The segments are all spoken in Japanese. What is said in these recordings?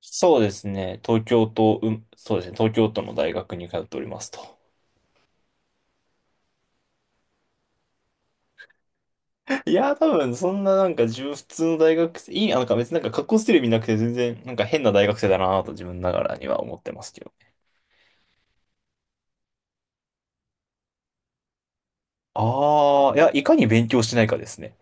そうですね。東京都、そうですね。東京都の大学に通っておりますと。多分、そんななんか、自分普通の大学生、いい、あなんか別に格好してる意味なくて、全然、なんか変な大学生だなぁと自分ながらには思ってますけど。ああ、いや、いかに勉強しないかですね。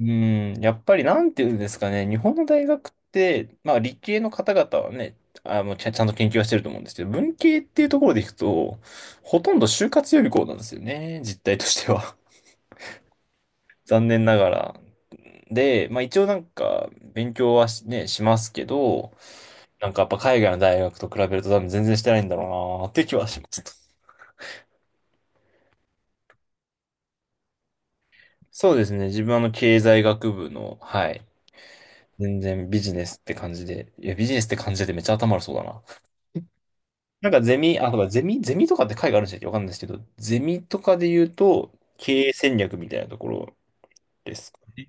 うん、やっぱりなんていうんですかね、日本の大学って、まあ理系の方々はね、ちゃんと研究はしてると思うんですけど、文系っていうところでいくと、ほとんど就活予備校なんですよね、実態としては。残念ながら。で、まあ一応なんか勉強はしね、しますけど、なんかやっぱ海外の大学と比べると多分全然してないんだろうなって気はします。そうですね。自分はあの経済学部の、はい。全然ビジネスって感じで、いやビジネスって感じでめっちゃ頭悪そうだな。なんかゼミ、あ、とかゼミ、ゼミとかって会があるんでしたっけ、わかんないですけど、ゼミとかで言うと経営戦略みたいなところですかね。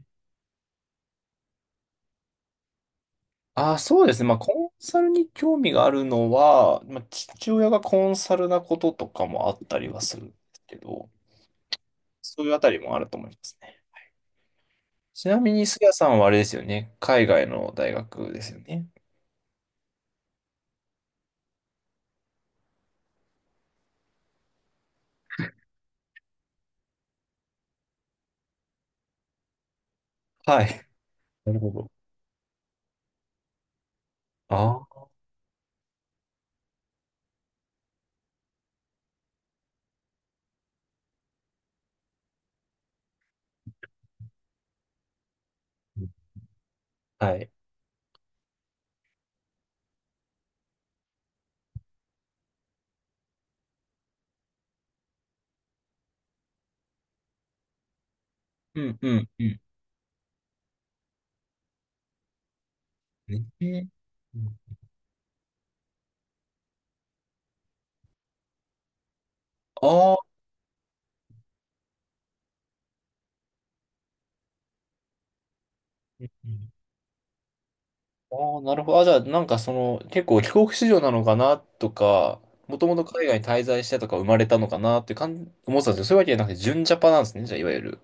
あ、そうですね。まあ、コンサルに興味があるのは、まあ、父親がコンサルなこととかもあったりはするんですけど、そういうあたりもあると思いますね。ちなみに、すやさんはあれですよね。海外の大学ですよね。はい。なるほど。ああ、はい。うんうんうん。ね。ああー、うんうん、ああなるほど。あ、じゃあ、なんかその、結構帰国子女なのかなとか、もともと海外に滞在してとか生まれたのかなって感じ、思ってたんですけど、そういうわけじゃなくて、純ジャパなんですね。じゃあ、いわゆる。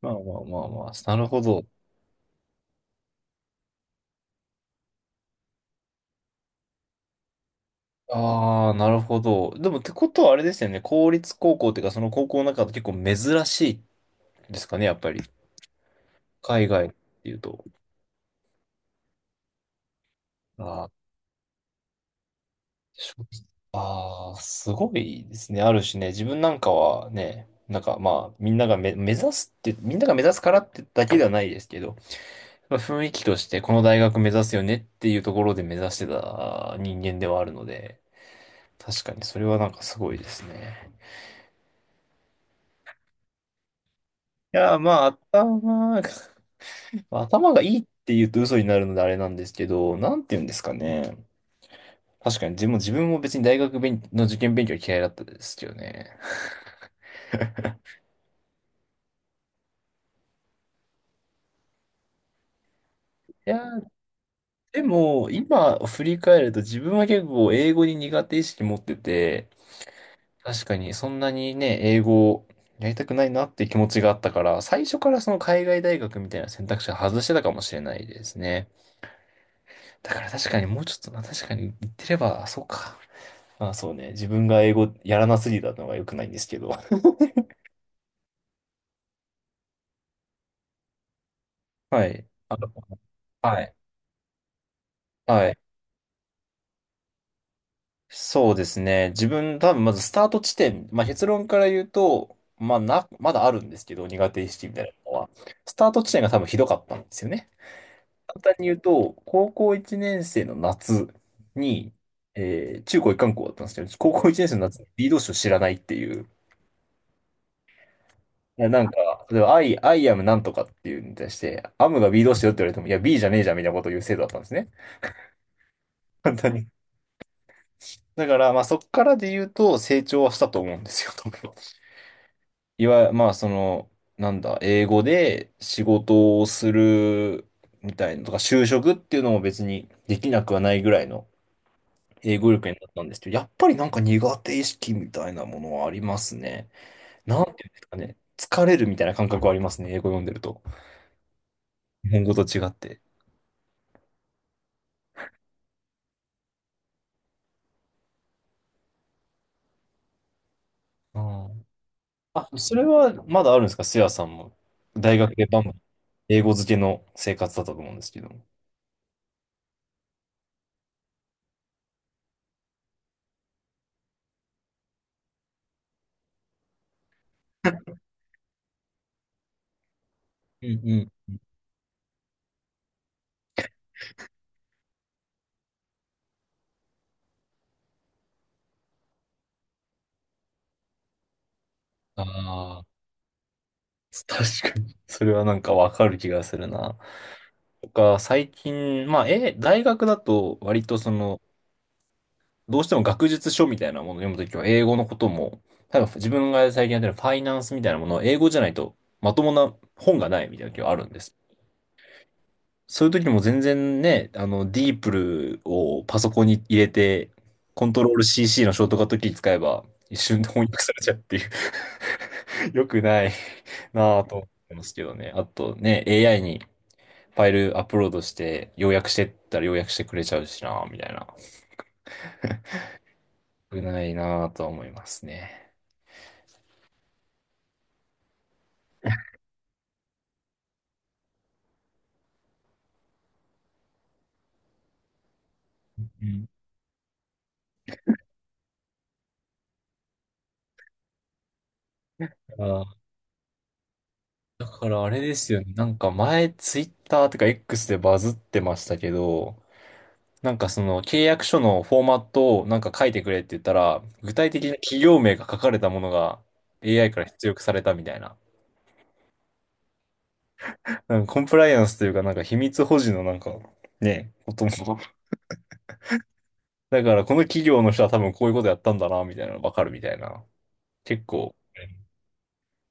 まあまあまあまあ、なるほど。ああ、なるほど。でもってことはあれですよね。公立高校っていうか、その高校の中で結構珍しいですかね、やっぱり。海外っていうと。ああ、しょああ、すごいですね。あるしね、自分なんかはね、なんかまあ、みんながめ、目指すってみんなが目指すからってだけではないですけど、まあ雰囲気としてこの大学目指すよねっていうところで目指してた人間ではあるので、確かにそれはなんかすごいですね。まあ、頭が、頭がいいって言うと嘘になるのであれなんですけど、なんて言うんですかね。確かに自分も別に大学勉の受験勉強は嫌いだったですけどね。いやー、でも、今振り返ると自分は結構英語に苦手意識持ってて、確かにそんなにね、英語をやりたくないなっていう気持ちがあったから、最初からその海外大学みたいな選択肢を外してたかもしれないですね。だから確かにもうちょっとな、確かに言ってれば、そうか。あ、そうね。自分が英語やらなすぎたのが良くないんですけど。はい。はい。はい。そうですね。多分まずスタート地点、まあ結論から言うと、まあな、まだあるんですけど、苦手意識みたいなのは。スタート地点が多分ひどかったんですよね。簡単に言うと、高校1年生の夏に、中高一貫校だったんですけど、高校1年生の夏に B 動詞を知らないっていう。いやなんか、例えば、I am なんとかっていうのに対して、アムが B 動詞よって言われても、いや、B じゃねえじゃんみたいなことを言う生徒だったんですね。本当に。だから、まあそっからで言うと成長はしたと思うんですよ、多分。いわゆる、まあその、なんだ、英語で仕事をするみたいなとか、就職っていうのも別にできなくはないぐらいの英語力になったんですけど、やっぱりなんか苦手意識みたいなものはありますね。なんていうんですかね。疲れるみたいな感覚はありますね、英語読んでると。日本語と違って。うん、あ、それはまだあるんですか、せやさんも。大学でバンバン英語漬けの生活だったと思うんですけども。うんうん、ああ、確かに。それはなんかわかる気がするな。最近、大学だと割とその、どうしても学術書みたいなものを読むときは英語のことも、例えば自分が最近やってるファイナンスみたいなものを英語じゃないとまともな本がないみたいな時はあるんです。そういう時も全然ね、あの、ディープルをパソコンに入れて、コントロール CC のショートカットキー使えば一瞬で翻訳されちゃうっていう。 良くないなぁと思ってますけどね。あとね、AI にファイルアップロードして、要約してったら要約してくれちゃうしなぁ、みたいな。良くないなぁとは思いますね。うん。あー、だからあれですよね。なんか前、ツイッターとか X でバズってましたけど、なんかその契約書のフォーマットをなんか書いてくれって言ったら、具体的な企業名が書かれたものが AI から出力されたみたいな。なんかコンプライアンスというか、なんか秘密保持のなんか、ね、こともだから、この企業の人は多分こういうことやったんだな、みたいなのわかるみたいな。結構、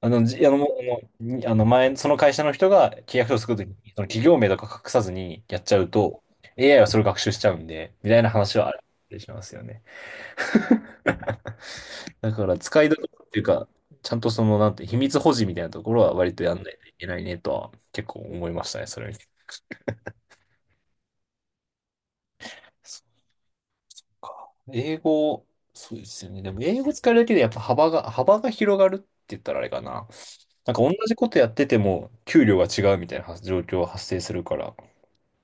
あの、じあの、もうあの、にあの前、その会社の人が契約書を作るときに、その企業名とか隠さずにやっちゃうと、AI はそれを学習しちゃうんで、みたいな話はあるしますよね。だから、使いどころっていうか、ちゃんとその、なんて、秘密保持みたいなところは割とやんないといけないねとは、結構思いましたね、それ見て。か英語、そうですよね。でも英語使えるだけでやっぱ幅が広がるって言ったらあれかな。なんか同じことやってても給料が違うみたいな状況が発生するから、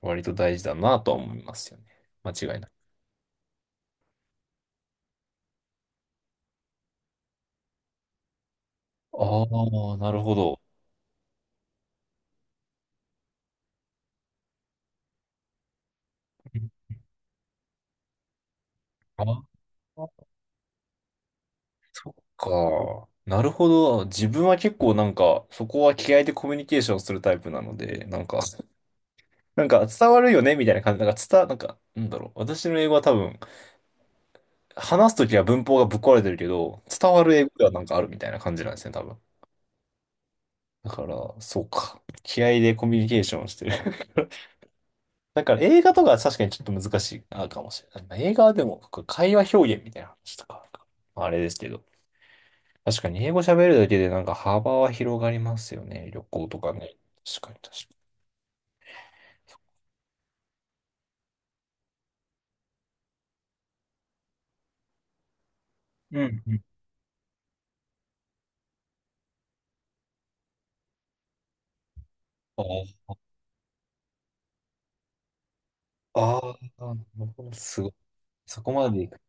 割と大事だなとは思いますよね。間違いない。ああ、なるほど。うん、あ、そっか。なるほど。自分は結構なんか、そこは気合でコミュニケーションするタイプなので、なんか、なんか伝わるよねみたいな感じ。なんか伝わ、なんか、なんだろう。私の英語は多分、話すときは文法がぶっ壊れてるけど、伝わる英語ではなんかあるみたいな感じなんですね、多分。だから、そうか。気合でコミュニケーションをしてる。だから映画とかは確かにちょっと難しいかもしれない。まあ映画はでも会話表現みたいな話とか、まああれですけど。確かに英語喋るだけでなんか幅は広がりますよね。旅行とかね。確かに確かに、うん、うん。に。ああ、あ、すごい。そこまでいく。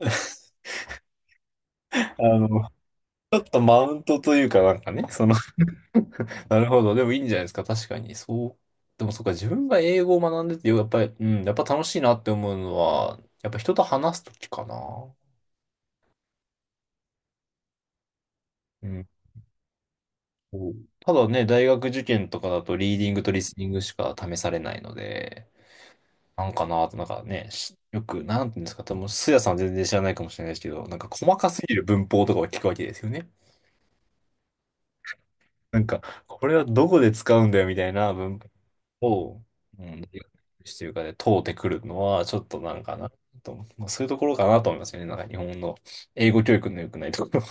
あの、ちょっとマウントというかなんかね、その。 なるほど。でもいいんじゃないですか。確かに。そう。でもそっか、自分が英語を学んでて、やっぱり、うん、やっぱ楽しいなって思うのは、やっぱ人と話すときかな。うん。そう、ただね、大学受験とかだと、リーディングとリスニングしか試されないので、なんかなと、なんかね、しよく、なんていうんですか、多分、スヤさん全然知らないかもしれないですけど、なんか細かすぎる文法とかを聞くわけですよね。なんか、これはどこで使うんだよみたいな文を、うん大学というかで通ってくるのは、ちょっとなんかと思って、まあ、そういうところかなと思いますよね。なんか日本の英語教育の良くないところ。